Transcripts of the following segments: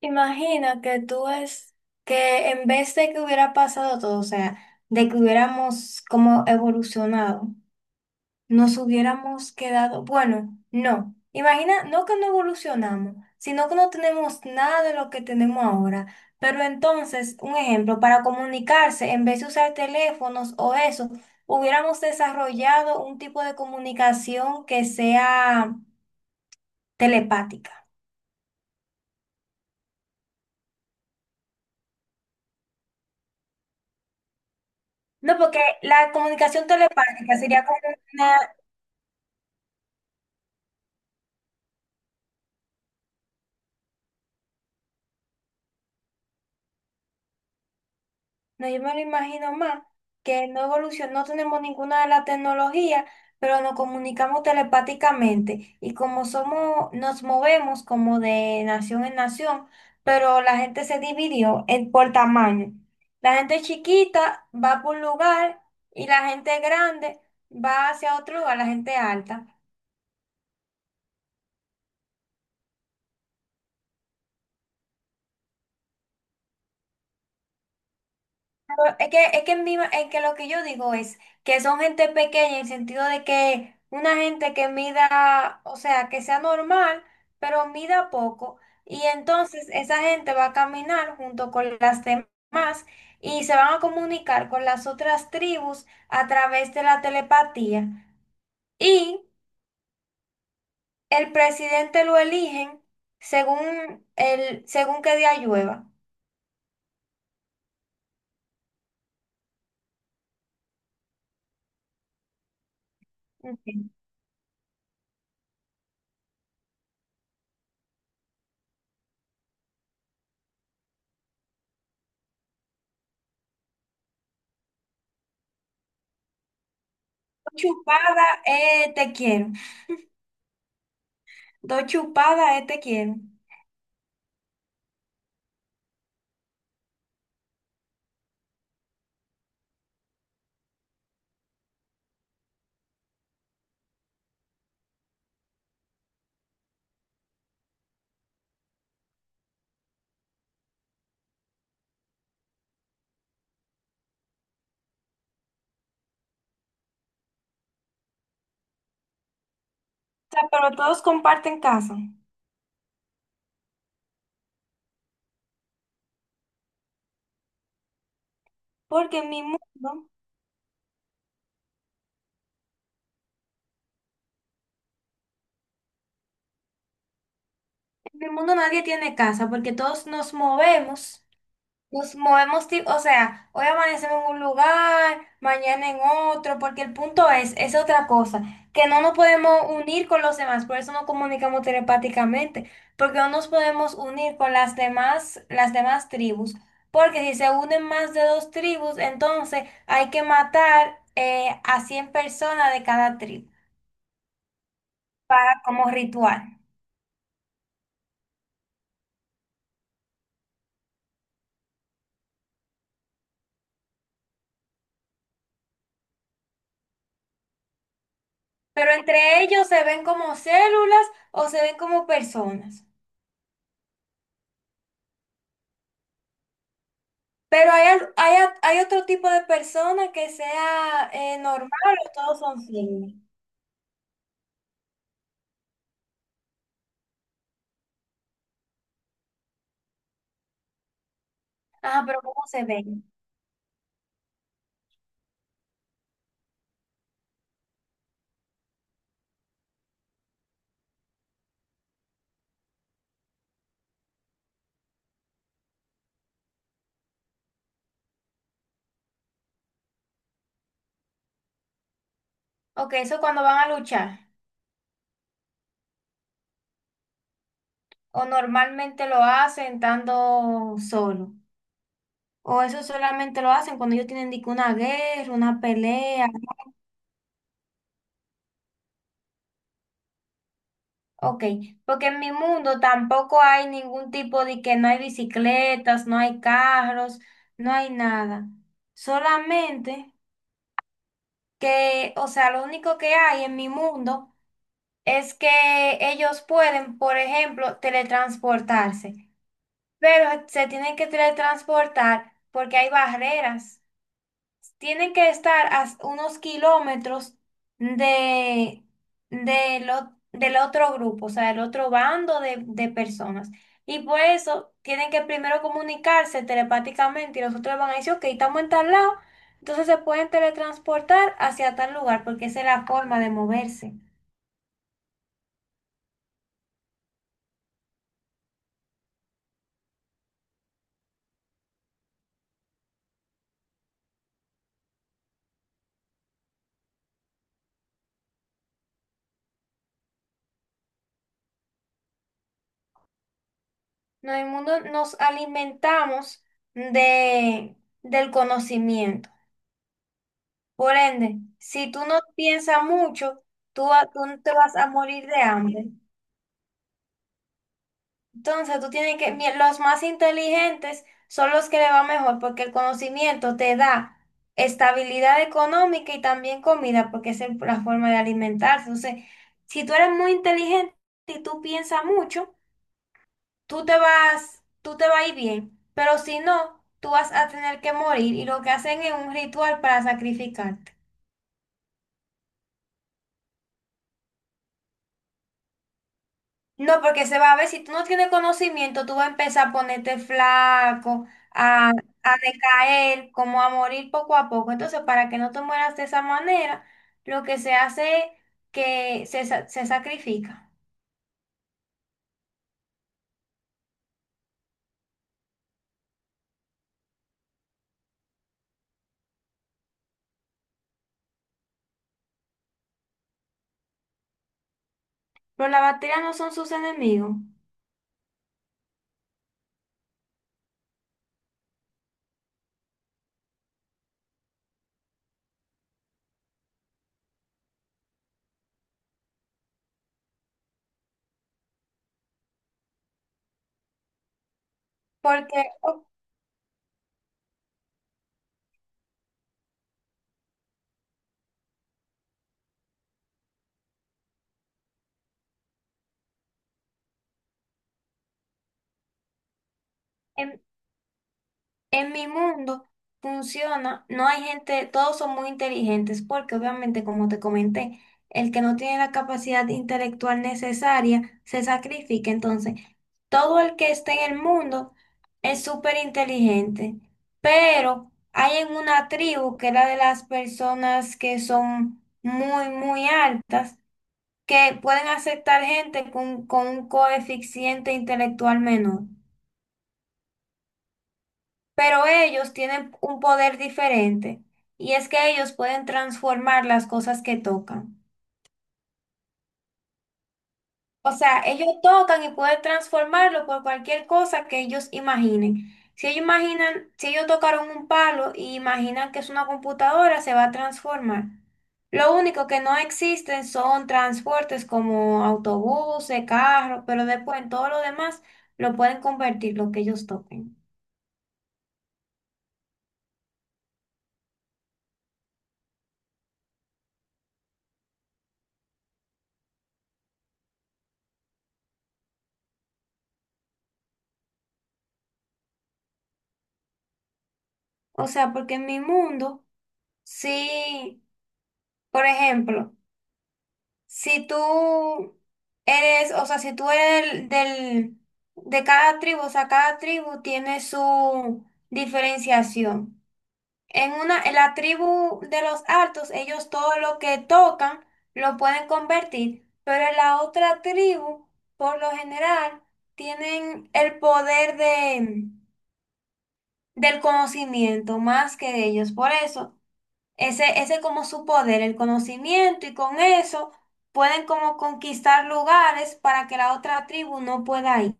Imagina que tú es que en vez de que hubiera pasado todo, o sea, de que hubiéramos como evolucionado, nos hubiéramos quedado, bueno, no. Imagina, no que no evolucionamos, sino que no tenemos nada de lo que tenemos ahora. Pero entonces, un ejemplo, para comunicarse, en vez de usar teléfonos o eso, hubiéramos desarrollado un tipo de comunicación que sea telepática. No, porque la comunicación telepática sería como una. No, yo me lo imagino más, que no evolucionó, no tenemos ninguna de las tecnologías, pero nos comunicamos telepáticamente. Y como somos, nos movemos como de nación en nación, pero la gente se dividió en, por tamaño. La gente chiquita va por un lugar y la gente grande va hacia otro lugar, la gente alta. Es que lo que yo digo es que son gente pequeña en el sentido de que una gente que mida, o sea, que sea normal, pero mida poco. Y entonces esa gente va a caminar junto con las demás y se van a comunicar con las otras tribus a través de la telepatía. Y el presidente lo eligen según, el, según qué día llueva. Ok. Dos chupadas, te quiero. Dos chupadas, te quiero. Sea, pero todos comparten casa. Porque en mi mundo nadie tiene casa, porque todos nos movemos. Nos movemos, o sea, hoy amanecemos en un lugar, mañana en otro, porque el punto es otra cosa, que no nos podemos unir con los demás, por eso no comunicamos telepáticamente, porque no nos podemos unir con las demás tribus, porque si se unen más de dos tribus, entonces hay que matar a 100 personas de cada tribu para como ritual. Pero entre ellos se ven como células o se ven como personas. Pero hay, hay, hay otro tipo de persona que sea normal o todos son signos. Ajá, pero ¿cómo se ven? Ok, eso cuando van a luchar. O normalmente lo hacen estando solo. O eso solamente lo hacen cuando ellos tienen dique, una guerra, una pelea. Ok, porque en mi mundo tampoco hay ningún tipo de que no hay bicicletas, no hay carros, no hay nada. Solamente que, o sea, lo único que hay en mi mundo es que ellos pueden, por ejemplo, teletransportarse, pero se tienen que teletransportar porque hay barreras. Tienen que estar a unos kilómetros de, del otro grupo, o sea, del otro bando de personas. Y por eso tienen que primero comunicarse telepáticamente y los otros van a decir, ok, estamos en tal lado, entonces se pueden teletransportar hacia tal lugar, porque esa es la forma de moverse. No, en el mundo nos alimentamos de, del conocimiento. Por ende, si tú no piensas mucho, tú te vas a morir de hambre. Entonces, tú tienes que, los más inteligentes son los que le va mejor, porque el conocimiento te da estabilidad económica y también comida, porque esa es la forma de alimentarse. Entonces, si tú eres muy inteligente y tú piensas mucho, tú te vas a ir bien, pero si no, tú vas a tener que morir y lo que hacen es un ritual para sacrificar. No, porque se va a ver, si tú no tienes conocimiento, tú vas a empezar a ponerte flaco, a, a decaer, como a morir poco a poco. Entonces, para que no te mueras de esa manera, lo que se hace es que se sacrifica. Pero las bacterias no son sus enemigos, porque o- em, en mi mundo funciona, no hay gente, todos son muy inteligentes porque obviamente, como te comenté, el que no tiene la capacidad intelectual necesaria se sacrifica. Entonces, todo el que esté en el mundo es súper inteligente, pero hay en una tribu que era de las personas que son muy, muy altas, que pueden aceptar gente con un coeficiente intelectual menor. Pero ellos tienen un poder diferente y es que ellos pueden transformar las cosas que tocan. O sea, ellos tocan y pueden transformarlo por cualquier cosa que ellos imaginen. Si ellos imaginan, si ellos tocaron un palo y imaginan que es una computadora, se va a transformar. Lo único que no existen son transportes como autobuses, carros, pero después en todo lo demás lo pueden convertir lo que ellos toquen. O sea, porque en mi mundo sí. Por ejemplo, si tú eres, o sea, si tú eres del, del- de cada tribu, o sea, cada tribu tiene su diferenciación. En una, en la tribu de los altos, ellos todo lo que tocan lo pueden convertir, pero en la otra tribu, por lo general, tienen el poder de, del conocimiento más que ellos. Por eso. Ese es como su poder, el conocimiento, y con eso pueden como conquistar lugares para que la otra tribu no pueda ir.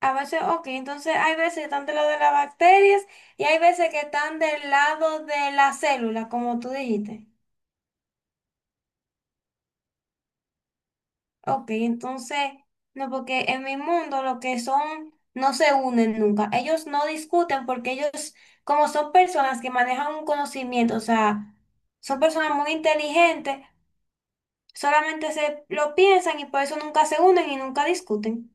A veces, ok, entonces hay veces que están del lado de las bacterias y hay veces que están del lado de la célula, como tú dijiste. Ok, entonces, no, porque en mi mundo lo que son no se unen nunca. Ellos no discuten porque ellos, como son personas que manejan un conocimiento, o sea, son personas muy inteligentes. Solamente se lo piensan y por eso nunca se unen y nunca discuten.